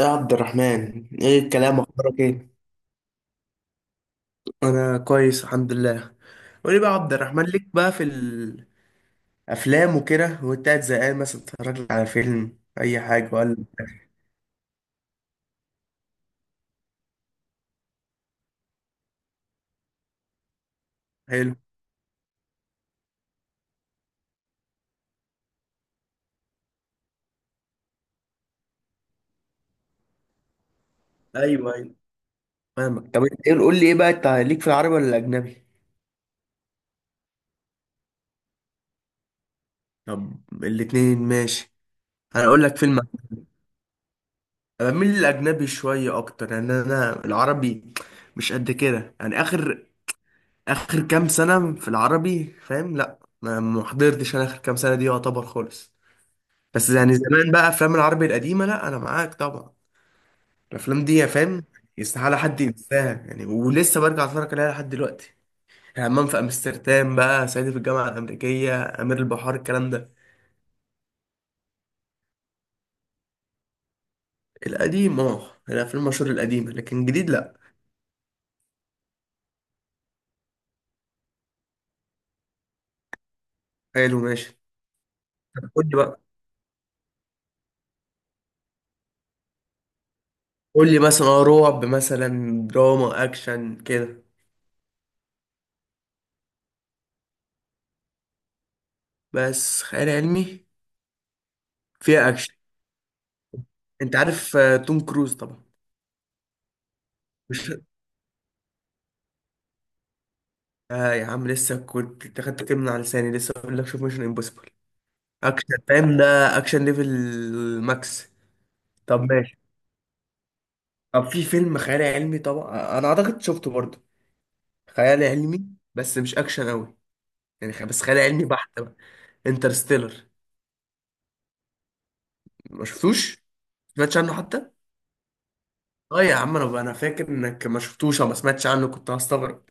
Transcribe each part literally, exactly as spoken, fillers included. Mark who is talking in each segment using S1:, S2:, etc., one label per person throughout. S1: يا عبد الرحمن، ايه الكلام؟ اخبارك ايه؟ انا كويس، الحمد لله. قولي بقى يا عبد الرحمن، ليك بقى في الافلام وكده؟ وانت قاعد زهقان مثلا تتفرج على فيلم اي حاجه ولا؟ حلو. ايوه، ايوه، فاهمك. طب انت ايه؟ قول لي ايه بقى، انت ليك في العربي ولا الاجنبي؟ طب، الاتنين ماشي. انا اقول لك فيلم. انا بميل للاجنبي شويه اكتر، لان انا العربي مش قد كده، يعني اخر اخر كام سنه في العربي، فاهم؟ لا، ما ما حضرتش انا اخر كام سنه دي، يعتبر خالص. بس يعني زمان بقى افلام العربي القديمه، لا انا معاك طبعا. الافلام دي، يا فاهم، يستحاله حد ينساها، يعني ولسه برجع اتفرج عليها لحد دلوقتي. همام في امستردام، بقى صعيدي في الجامعه الامريكيه، امير البحار، الكلام ده. القديم، اه، يعني الافلام المشهور القديمه، لكن جديد لا. حلو، ماشي. قول لي بقى. قول لي مثلا آه، رعب، مثلا دراما، اكشن كده. بس خيال علمي فيها اكشن. انت عارف آه، توم كروز طبعا. مش... آه يا عم، لسه كنت أنت خدت كلمة من على لساني، لسه بقول لك شوف ميشن امبوسيبل. اكشن، فاهم؟ ده اكشن ليفل ماكس. طب ماشي. طب في فيلم خيال علمي، طبعا انا اعتقد شفته برضه. خيال علمي، بس مش اكشن قوي، يعني خ- بس خيال علمي بحت بقى. انترستيلر. ما شفتوش؟ ما سمعتش عنه حتى؟ اه يا عم، انا انا فاكر انك ما شفتوش او ما سمعتش عنه، كنت هستغرب.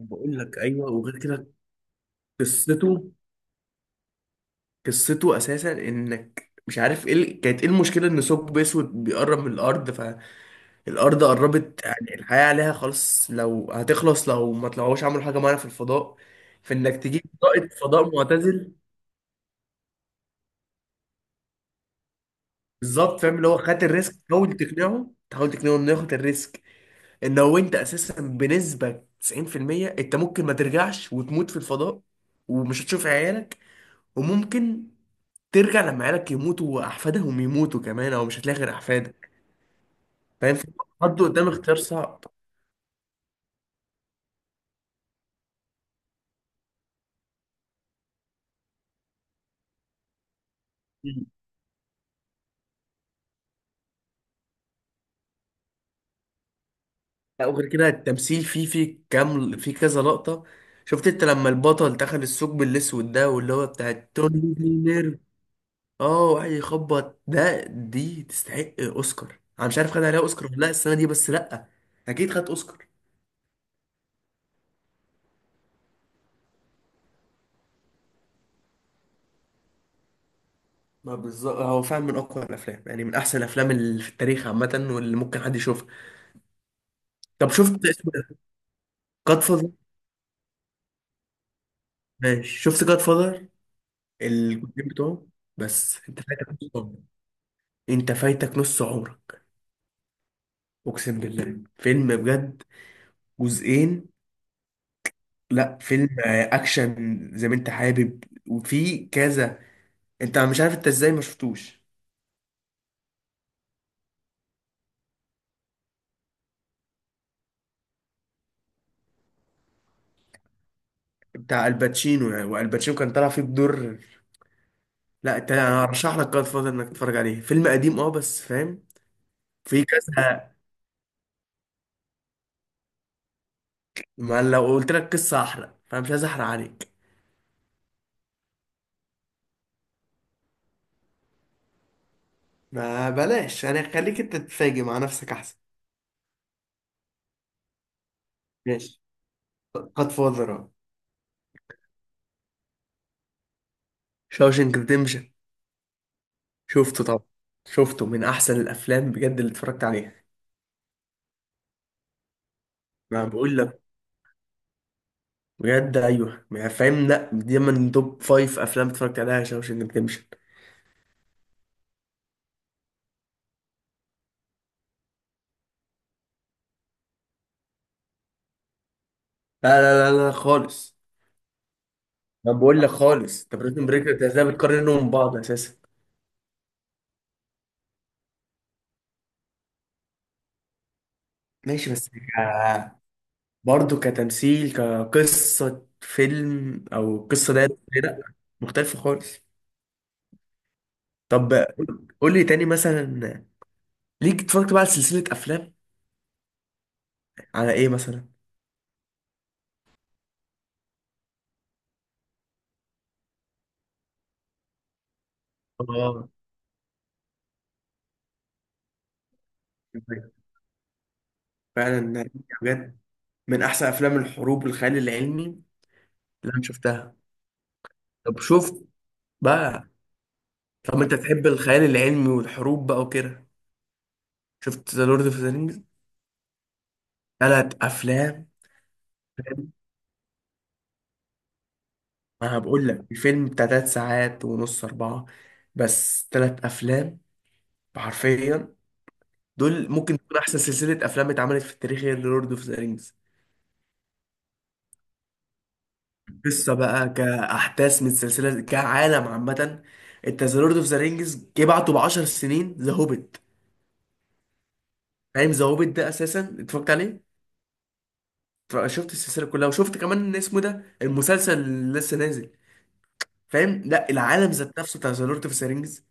S1: بقول لك ايوه، وغير كده قصته. قصته اساسا انك مش عارف ايه ال- كانت ايه المشكله، ان ثقب اسود بيقرب من الارض. الارض قربت، يعني الحياه عليها خلاص، لو هتخلص لو ما طلعوش عملوا حاجه معينه في الفضاء. فانك تجيب رائد فضاء معتزل. بالظبط، فاهم اللي هو خد الريسك، حاول تقنعه تحاول تقنعه انه ياخد الريسك. ان هو انت اساسا بنسبه تسعين في المية انت ممكن ما ترجعش وتموت في الفضاء، ومش هتشوف عيالك. وممكن ترجع لما عيالك يموتوا واحفادهم يموتوا كمان، او مش هتلاقي غير احفادك. فاهم، حد قدام اختيار صعب. لا وغير كده التمثيل فيه فيه كام، فيه كذا لقطة. شفت انت لما البطل دخل الثقب الاسود ده، واللي هو بتاع توني نير. اه، وقعد يخبط، ده دي تستحق اوسكار. انا مش عارف خد عليها اوسكار ولا لا السنة دي، بس لا، اكيد خد اوسكار. ما بالظبط، هو فعلا من اقوى الافلام، يعني من احسن الافلام اللي في التاريخ عامة واللي ممكن حد يشوفها. طب شفت اسمه ده، جاد فاذر؟ ماشي، شفت جاد فاذر؟ الجزئين بتوعه. بس انت فايتك نص عمرك. انت فايتك نص عمرك. اقسم بالله، فيلم بجد. جزئين. لا فيلم آه، اكشن زي ما انت حابب. وفي كذا. انت مش عارف انت ازاي ما شفتوش. بتاع الباتشينو، يعني، والباتشينو كان طالع فيه بدور. لا انت، انا ارشح لك جاد فاذر انك تتفرج عليه، فيلم قديم اه، بس فاهم. في كذا. ما لو قلت لك قصه احرق، فمش عايز احرق عليك. ما بلاش يعني، خليك انت تتفاجئ مع نفسك احسن. ماشي. قد فاضرة. شاوشنك ريديمشن. شفته طبعا. شفته من احسن الافلام بجد اللي اتفرجت عليها. ما بقول لك. بجد ايوه، ما فاهم؟ لا، دي من توب فايف افلام اتفرجت عليها، شاوشنج ريديمشن. لا، لا، لا، لا، خالص. ما بقول لك خالص. طب بريزون بريك، انت ازاي بتقارنهم ببعض اساسا؟ ماشي، بس ك- برضه كتمثيل، كقصه فيلم او قصه دايره. لا، مختلفه خالص. طب قول قول لي تاني مثلا، ليك اتفرجت بقى على سلسله افلام، على ايه مثلا؟ اه فعلا، بجد من احسن افلام الحروب والخيال العلمي اللي انا شفتها. طب شفت بقى، طب انت تحب الخيال العلمي والحروب بقى وكده؟ شفت ذا لورد اوف ذا رينجز؟ ثلاث افلام. فاهم؟ ما بقول لك الفيلم بتاع ثلاث ساعات ونص، اربعه. بس ثلاث افلام حرفيا. دول ممكن تكون احسن سلسله افلام اتعملت في التاريخ، هي لورد اوف ذا رينجز. قصه بقى كاحداث من السلسله، كعالم عامه. انت ذا لورد اوف ذا رينجز، جه بعته ب 10 سنين ذا هوبيت. فاهم؟ ذا هوبيت ده اساسا اتفرجت عليه. فشفت السلسله كلها، وشفت كمان إن اسمه ده المسلسل اللي لسه نازل. فاهم، لا العالم ذات نفسه بتاع ذا لورد اوف ذا رينجز.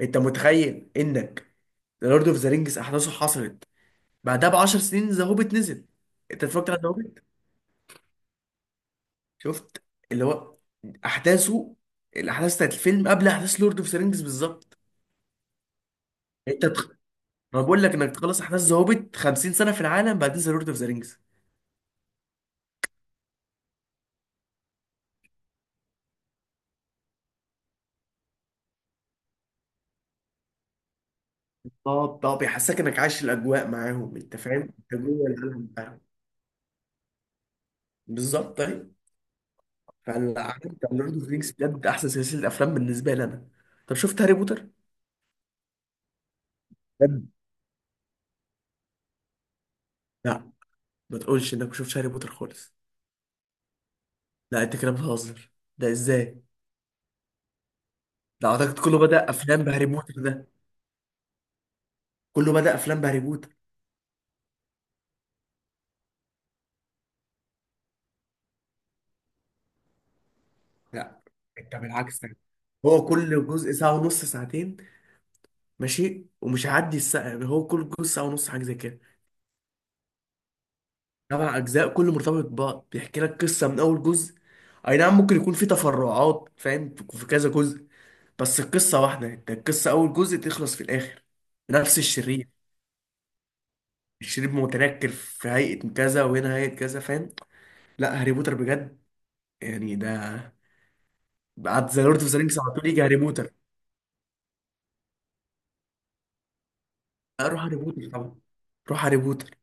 S1: انت متخيل انك ذا لورد اوف ذا رينجز احداثه حصلت، بعدها ب 10 سنين ذا هوبيت نزل. انت اتفرجت على ذا هوبيت؟ شفت. اللي هو احداثه، الاحداث بتاعت الفيلم قبل احداث لورد اوف ذا رينجز بالظبط. انت تخ... انا بقول لك انك تخلص احداث ذا هوبيت 50 سنه في العالم، بعدين ذا لورد اوف ذا رينجز. طب طب بيحسسك انك عايش الاجواء معاهم، انت فاهم انت جوه العالم بتاعهم. بالظبط، طيب. فالعالم بتاع لورد اوف رينجز، بجد احسن سلسله افلام بالنسبه لي انا. طب شفت هاري بوتر؟ بجد، لا ما تقولش انك ما شفتش هاري بوتر خالص. لا انت كده بتهزر، ده ازاي؟ ده اعتقد كله بدأ افلام بهاري بوتر ده. كله بدأ افلام بهاري بوتر. لا، انت بالعكس ده. هو كل جزء ساعة ونص، ساعتين ماشي، ومش هيعدي الساعة، يعني هو كل جزء ساعة ونص حاجة زي كده. سبع أجزاء كله مرتبط ببعض، بيحكي لك قصة من أول جزء. أي نعم، ممكن يكون في تفرعات، فاهم، في في كذا جزء. بس القصة واحدة، انت القصة أول جزء تخلص في الآخر. نفس الشرير. الشرير متنكر في هيئة كذا، وهنا هيئة كذا، فاهم؟ لا، هاري بوتر بجد، يعني ده بعد ذا لورد اوف ذا رينجز على طول يجي هاري بوتر. لا، روح هاري بوتر طبعا. روح هاري بوتر.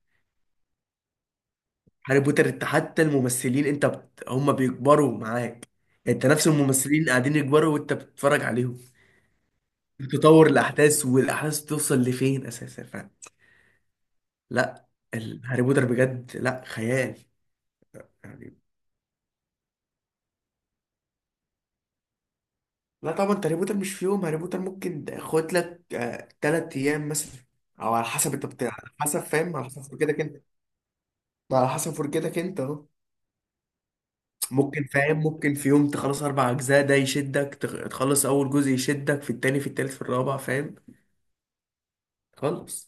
S1: هاري بوتر، انت حتى الممثلين انت بت... هم بيكبروا معاك. انت نفس الممثلين قاعدين يكبروا وانت بتتفرج عليهم. تطور الأحداث والأحداث توصل لفين أساسا، فاهم؟ لا. ال- هاري بوتر بجد، لا خيال يعني. لا طبعا، انت هاري بوتر مش في يوم. هاري بوتر ممكن خد لك آه تلات ايام مثلا، او على حسب انت بتاع، على حسب فاهم، على حسب فرجتك انت. على حسب فرجتك انت اهو. ممكن فاهم، ممكن في يوم تخلص اربع اجزاء، ده يشدك، تخ- تخلص اول جزء يشدك في التاني في التالت في الرابع فاهم. خلص.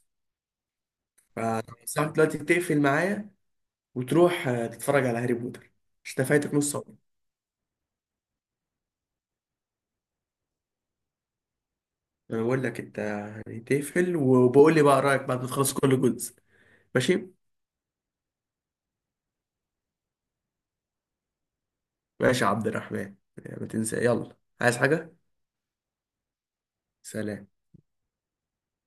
S1: فساعة دلوقتي تقفل معايا، وتروح آه، تتفرج على هاري بوتر. مش انت فايتك نص عمرك؟ انا بقول لك انت، يعني تقفل وبقول لي بقى رايك بعد ما تخلص كل جزء. ماشي. ماشي يا عبد الرحمن. ما تنسى، يلا، عايز حاجة. سلام.